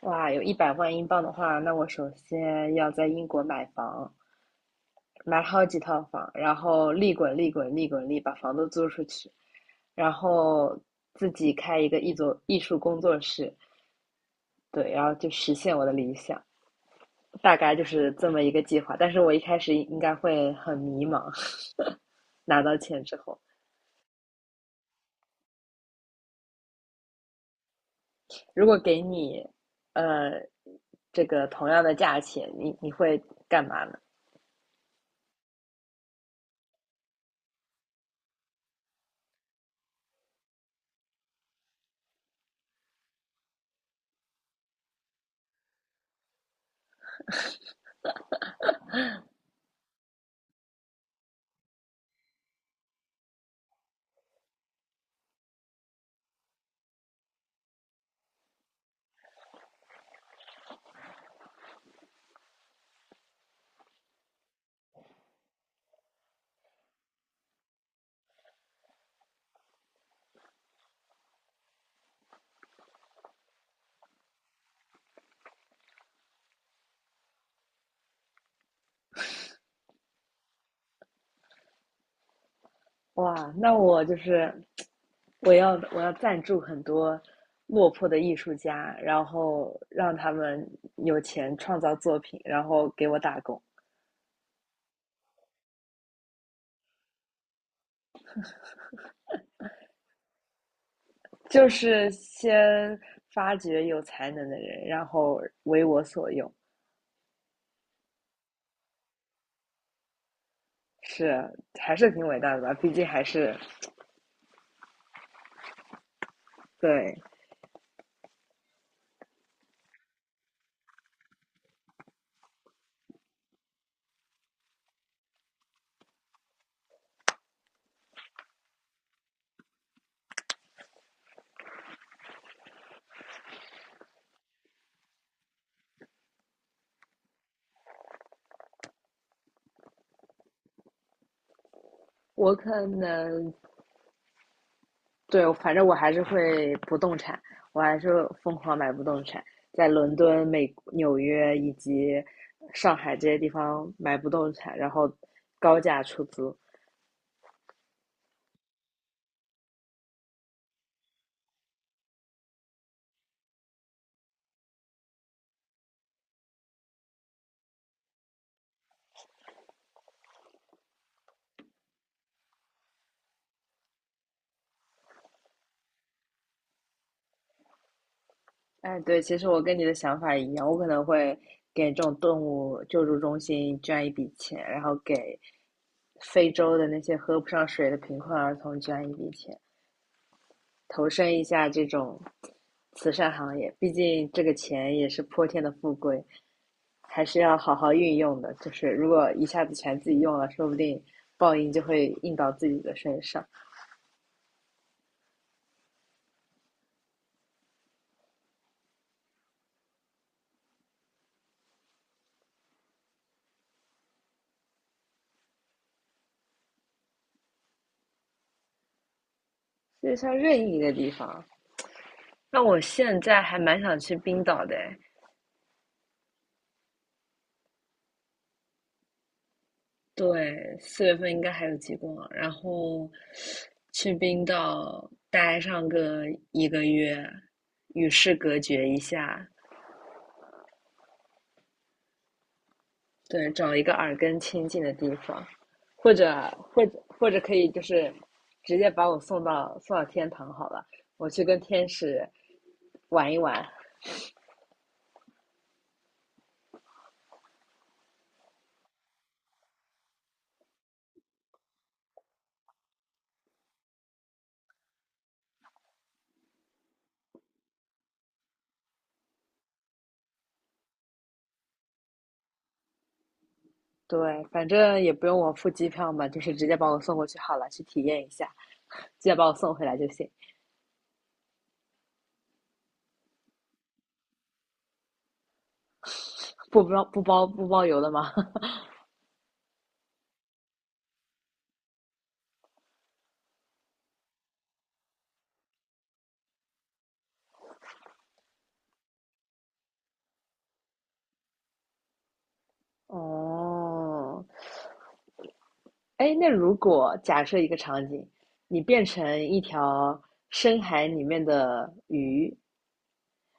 哇，有100万英镑的话，那我首先要在英国买房，买好几套房，然后利滚利滚利滚利，把房子租出去，然后自己开一个艺术工作室，对，然后就实现我的理想，大概就是这么一个计划。但是我一开始应该会很迷茫，拿到钱之后，如果给你，呃，这个同样的价钱，你会干嘛呢？哇，那我就是我要赞助很多落魄的艺术家，然后让他们有钱创造作品，然后给我打工，就是先发掘有才能的人，然后为我所用，是。还是挺伟大的吧？毕竟还是。对，我可能对，反正我还是会不动产，我还是疯狂买不动产，在伦敦、美、纽约以及上海这些地方买不动产，然后高价出租。哎，对，其实我跟你的想法一样，我可能会给这种动物救助中心捐一笔钱，然后给非洲的那些喝不上水的贫困儿童捐一笔钱，投身一下这种慈善行业。毕竟这个钱也是泼天的富贵。还是要好好运用的。就是如果一下子全自己用了，说不定报应就会印到自己的身上。就像任意一个地方，那我现在还蛮想去冰岛的。对，4月份应该还有极光，然后去冰岛待上个1个月，与世隔绝一下，对，找一个耳根清净的地方，或者或者可以就是直接把我送到天堂好了，我去跟天使玩一玩。对，反正也不用我付机票嘛，就是直接把我送过去好了，去体验一下，直接把我送回来就行，不包邮的吗？哦，哎，那如果假设一个场景，你变成一条深海里面的鱼，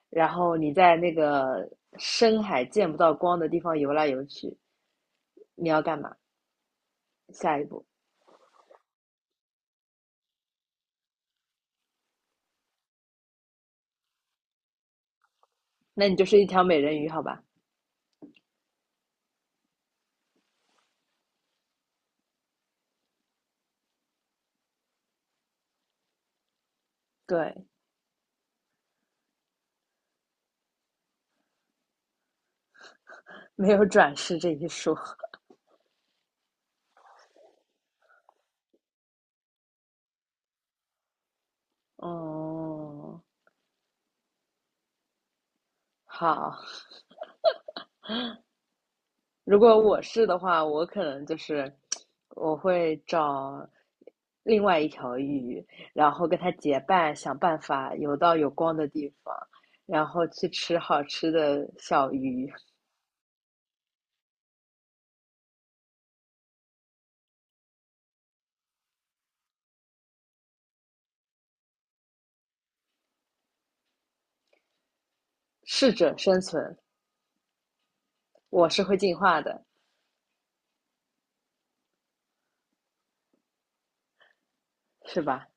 然后你在那个深海见不到光的地方游来游去，你要干嘛？下一步，那你就是一条美人鱼，好吧？对，没有转世这一说。哦，好，如果我是的话，我可能就是我会找另外一条鱼，然后跟它结伴，想办法游到有光的地方，然后去吃好吃的小鱼，适者生存，我是会进化的，是吧？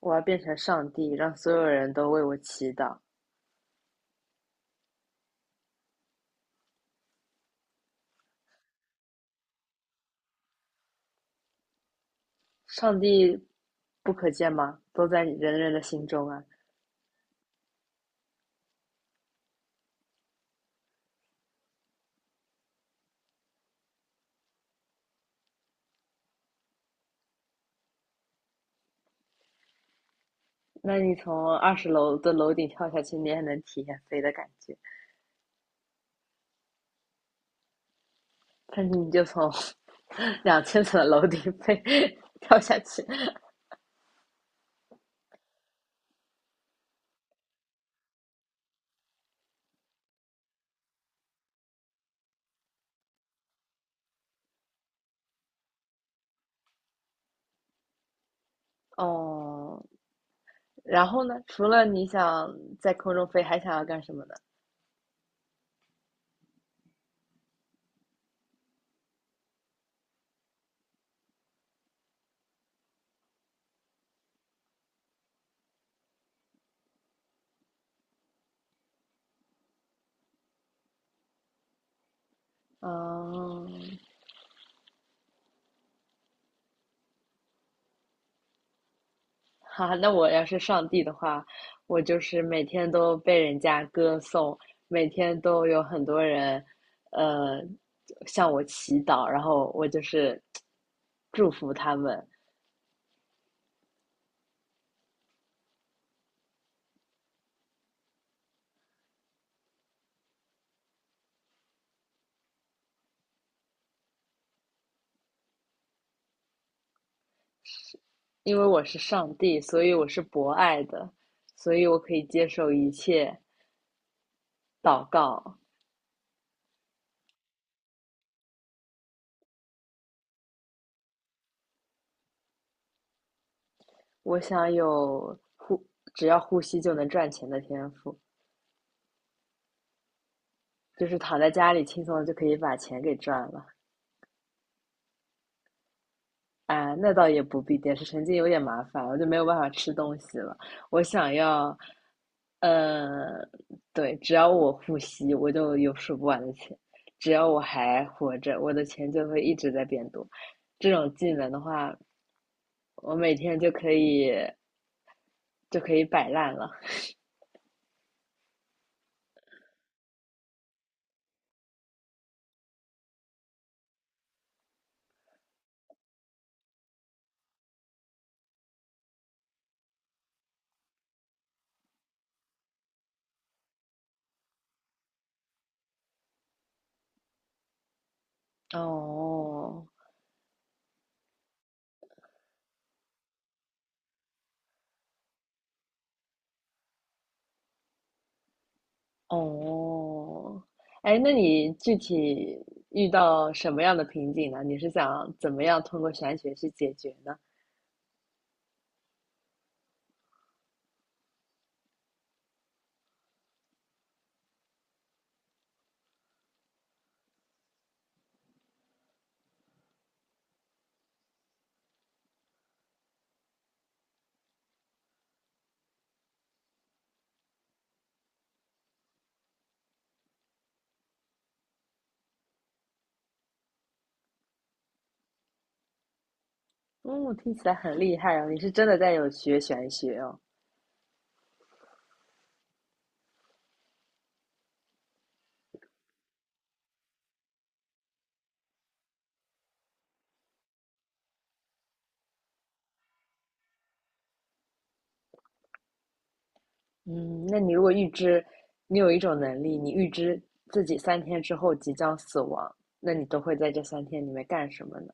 我要变成上帝，让所有人都为我祈祷。上帝不可见吗？都在人人的心中啊。那你从20楼的楼顶跳下去，你也能体验飞的感觉。但是你就从 2000层的楼顶跳下去，哦。然后呢？除了你想在空中飞，还想要干什么呢？嗯，哈，那我要是上帝的话，我就是每天都被人家歌颂，每天都有很多人，呃，向我祈祷，然后我就是 祝福他们，因为我是上帝，所以我是博爱的，所以我可以接受一切祷告。我想有只要呼吸就能赚钱的天赋，就是躺在家里轻松地就可以把钱给赚了。啊，那倒也不必，点石成金有点麻烦，我就没有办法吃东西了。我想要，呃，对，只要我呼吸，我就有数不完的钱；只要我还活着，我的钱就会一直在变多。这种技能的话，我每天就可以摆烂了。哦哦，哎，那你具体遇到什么样的瓶颈呢？你是想怎么样通过玄学去解决呢？哦，听起来很厉害哦！你是真的在有学玄学哦。嗯，那你如果预知，你有一种能力，你预知自己三天之后即将死亡，那你都会在这三天里面干什么呢？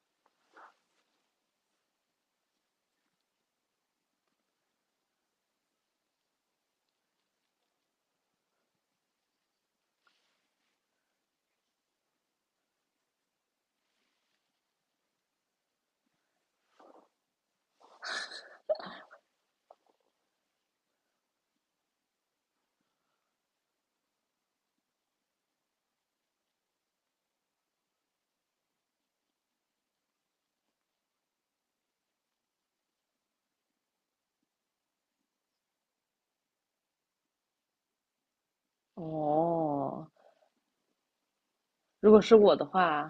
哦，如果是我的话，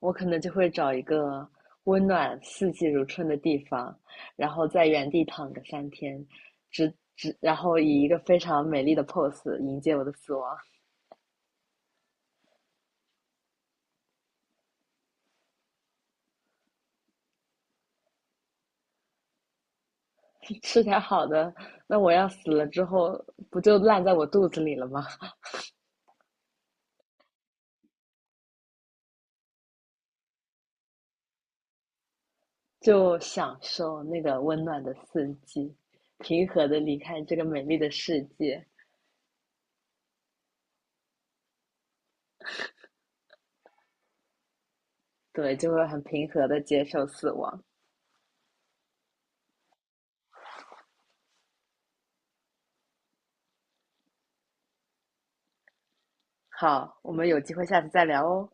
我可能就会找一个温暖、四季如春的地方，然后在原地躺个三天，然后以一个非常美丽的 pose 迎接我的死亡。吃点好的，那我要死了之后不就烂在我肚子里了吗？就享受那个温暖的四季，平和的离开这个美丽的世界，对，就会很平和的接受死亡。好，我们有机会下次再聊哦。